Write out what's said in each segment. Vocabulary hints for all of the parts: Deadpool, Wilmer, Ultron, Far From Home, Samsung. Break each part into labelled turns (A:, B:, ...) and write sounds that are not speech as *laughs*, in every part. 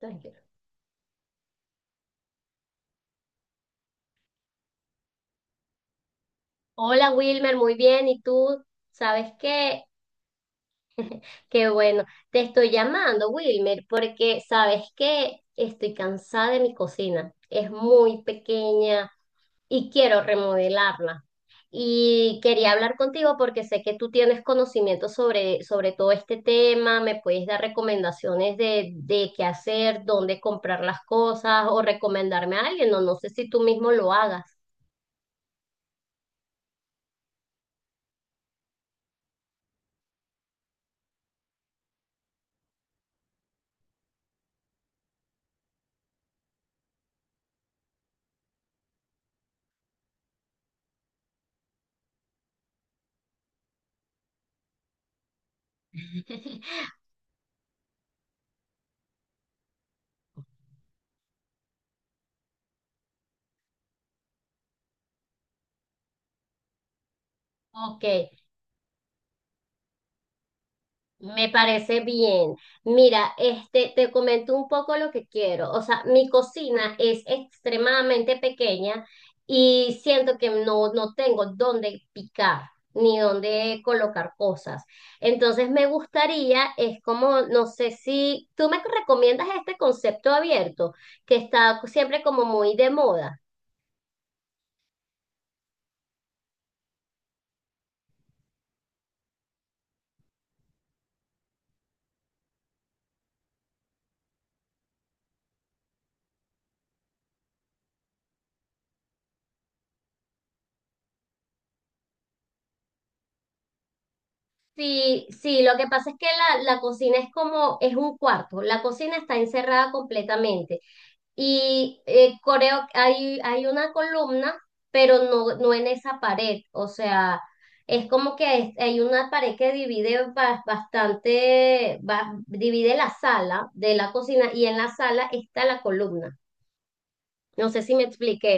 A: Tranquilo. Hola Wilmer, muy bien. ¿Y tú? ¿Sabes qué? Qué bueno. Te estoy llamando, Wilmer, porque sabes que estoy cansada de mi cocina. Es muy pequeña y quiero remodelarla. Y quería hablar contigo porque sé que tú tienes conocimiento sobre todo este tema, me puedes dar recomendaciones de qué hacer, dónde comprar las cosas o recomendarme a alguien, o no sé si tú mismo lo hagas. *laughs* Ok. Me parece bien. Mira, este, te comento un poco lo que quiero. O sea, mi cocina es extremadamente pequeña y siento que no tengo dónde picar ni dónde colocar cosas. Entonces me gustaría, es como, no sé si tú me recomiendas este concepto abierto, que está siempre como muy de moda. Sí, sí, lo que pasa es que la cocina es como, es un cuarto, la cocina está encerrada completamente. Y creo que hay una columna, pero no en esa pared. O sea, es como que hay una pared que divide bastante, divide la sala de la cocina y en la sala está la columna. No sé si me expliqué.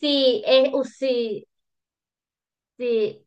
A: Sí, es, sí, sí.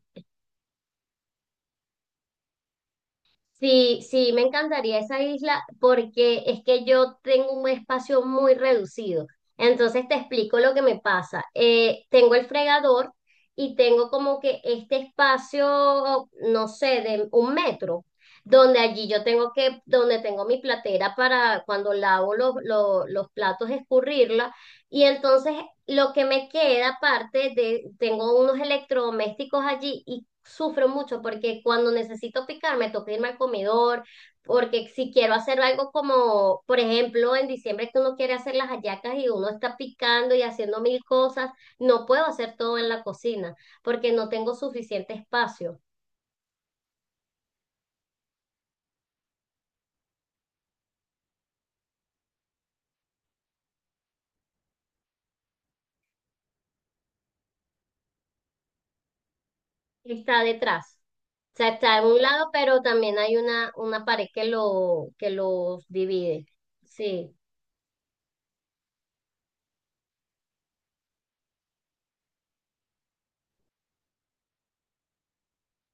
A: Sí, sí, me encantaría esa isla porque es que yo tengo un espacio muy reducido. Entonces te explico lo que me pasa. Tengo el fregador y tengo como que este espacio, no sé, de un metro, donde allí yo tengo que, donde tengo mi platera para cuando lavo los platos escurrirla. Y entonces lo que me queda aparte de, tengo unos electrodomésticos allí y sufro mucho porque cuando necesito picar me toca irme al comedor, porque si quiero hacer algo como, por ejemplo, en diciembre que uno quiere hacer las hallacas y uno está picando y haciendo mil cosas, no puedo hacer todo en la cocina porque no tengo suficiente espacio. Está detrás. O sea, está en un lado, pero también hay una pared que lo, que los divide. Sí.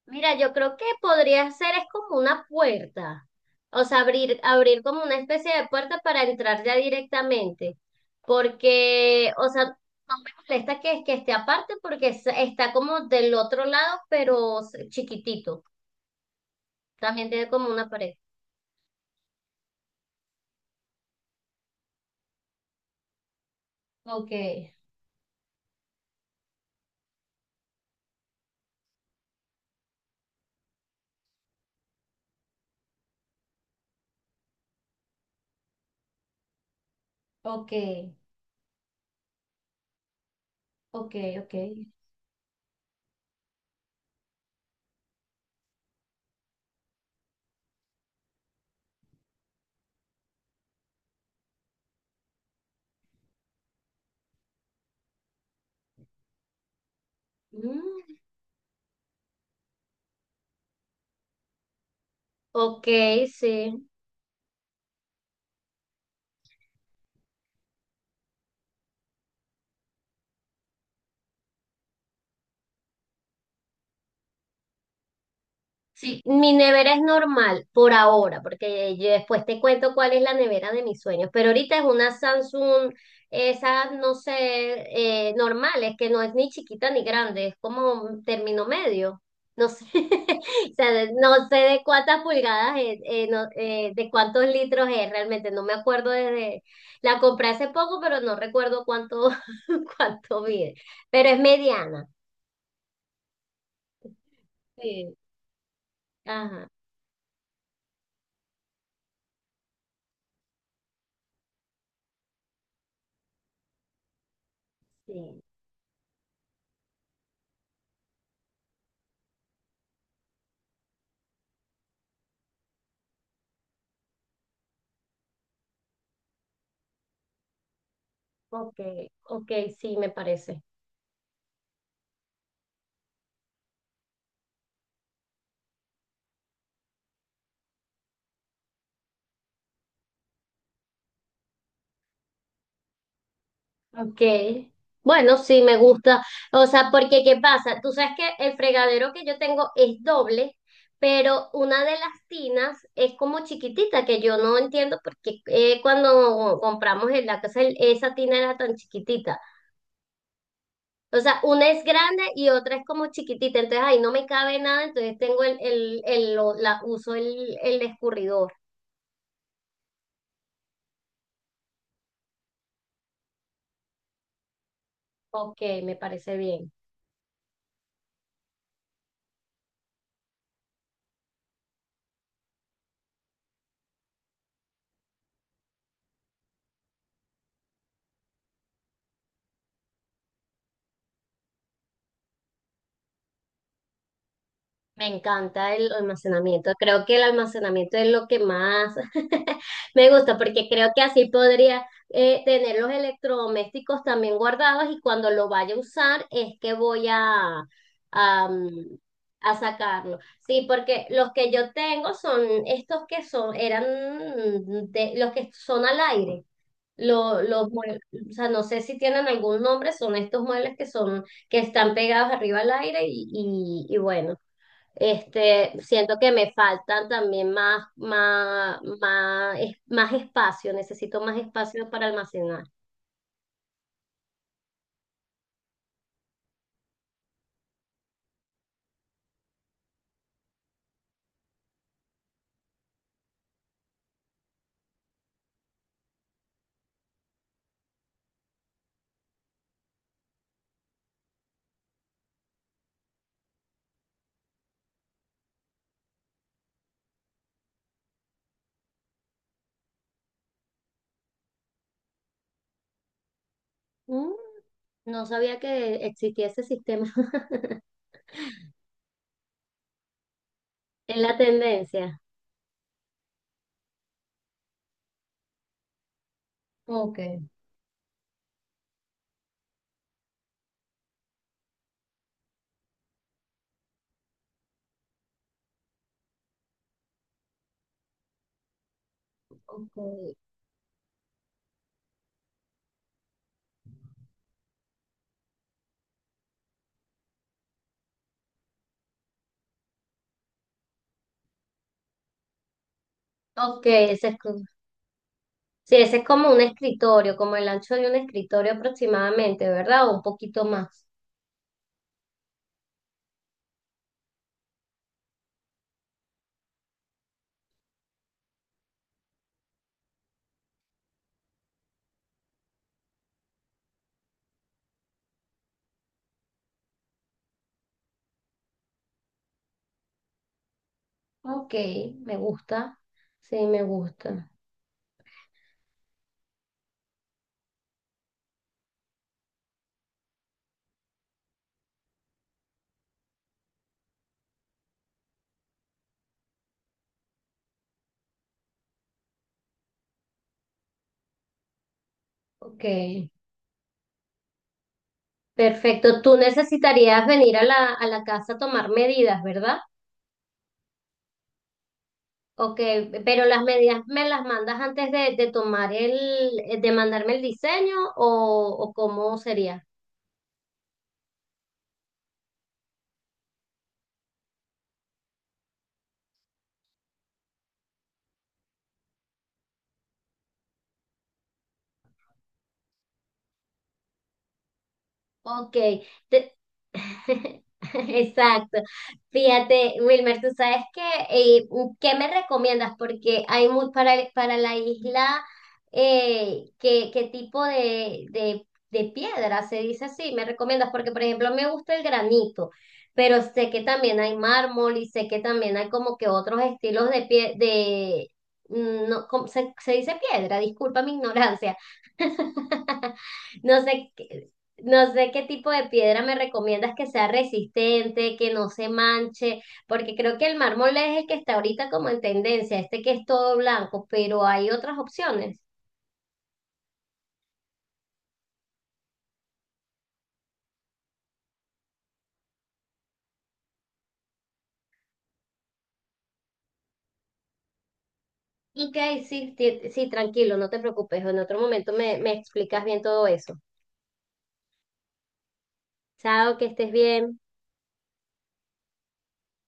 A: Mira, yo creo que podría ser, es como una puerta, o sea, abrir como una especie de puerta para entrar ya directamente, porque, o sea, no me molesta que esté aparte porque está como del otro lado, pero s- chiquitito, también tiene como una pared. Ok, ok, ok, ok. Mm, ok, sí. Sí, mi nevera es normal por ahora, porque yo después te cuento cuál es la nevera de mis sueños, pero ahorita es una Samsung, esa no sé, normal, es que no es ni chiquita ni grande, es como un término medio, no sé, *laughs* o sea, no sé de cuántas pulgadas es, de cuántos litros es realmente, no me acuerdo desde, la compré hace poco, pero no recuerdo cuánto, *laughs* cuánto mide, pero es mediana. Sí. Ajá, sí. Ok, ok, sí, me parece. Ok. Bueno, sí, me gusta. O sea, porque ¿qué pasa? Tú sabes que el fregadero que yo tengo es doble, pero una de las tinas es como chiquitita, que yo no entiendo porque cuando compramos en la casa esa tina era tan chiquitita. O sea, una es grande y otra es como chiquitita, entonces ahí no me cabe nada, entonces tengo uso el escurridor. Ok, me parece bien. Me encanta el almacenamiento. Creo que el almacenamiento es lo que más *laughs* me gusta porque creo que así podría tener los electrodomésticos también guardados y cuando lo vaya a usar es que voy a, a, mm, a sacarlo. Sí, porque los que yo tengo son estos que son, eran de, los que son al aire. Lo- los mue- o sea, no sé si tienen algún nombre, son estos muebles que son, que están pegados arriba al aire y bueno. Este, siento que me faltan también más, más espacio, necesito más espacio para almacenar. Mm, no sabía que existía ese sistema *laughs* en la tendencia. Ok, ok. Ok, ese es, sí, ese es como un escritorio, como el ancho de un escritorio aproximadamente, ¿verdad? O un poquito más. Ok, me gusta. Sí, me gusta. Ok, perfecto. Tú necesitarías venir a a la casa a tomar medidas, ¿verdad? Ok, pero las medidas me las mandas antes de tomar el, de mandarme el diseño o, ¿o cómo sería? Ok, te- *laughs* exacto. Fíjate, Wilmer, tú sabes que, eh, ¿qué me recomiendas? Porque hay muy, para la isla, ¿qué tipo de piedra se dice así? ¿Me recomiendas? Porque, por ejemplo, me gusta el granito, pero sé que también hay mármol y sé que también hay como que otros estilos de pie, de, mm, no, ¿cómo se dice piedra? Disculpa mi ignorancia, no sé, qué- no sé qué tipo de piedra me recomiendas que sea resistente, que no se manche, porque creo que el mármol es el que está ahorita como en tendencia, este que es todo blanco, pero hay otras opciones. Ok, sí, ti- sí, tranquilo, no te preocupes, en otro momento me explicas bien todo eso. Chao, que estés bien.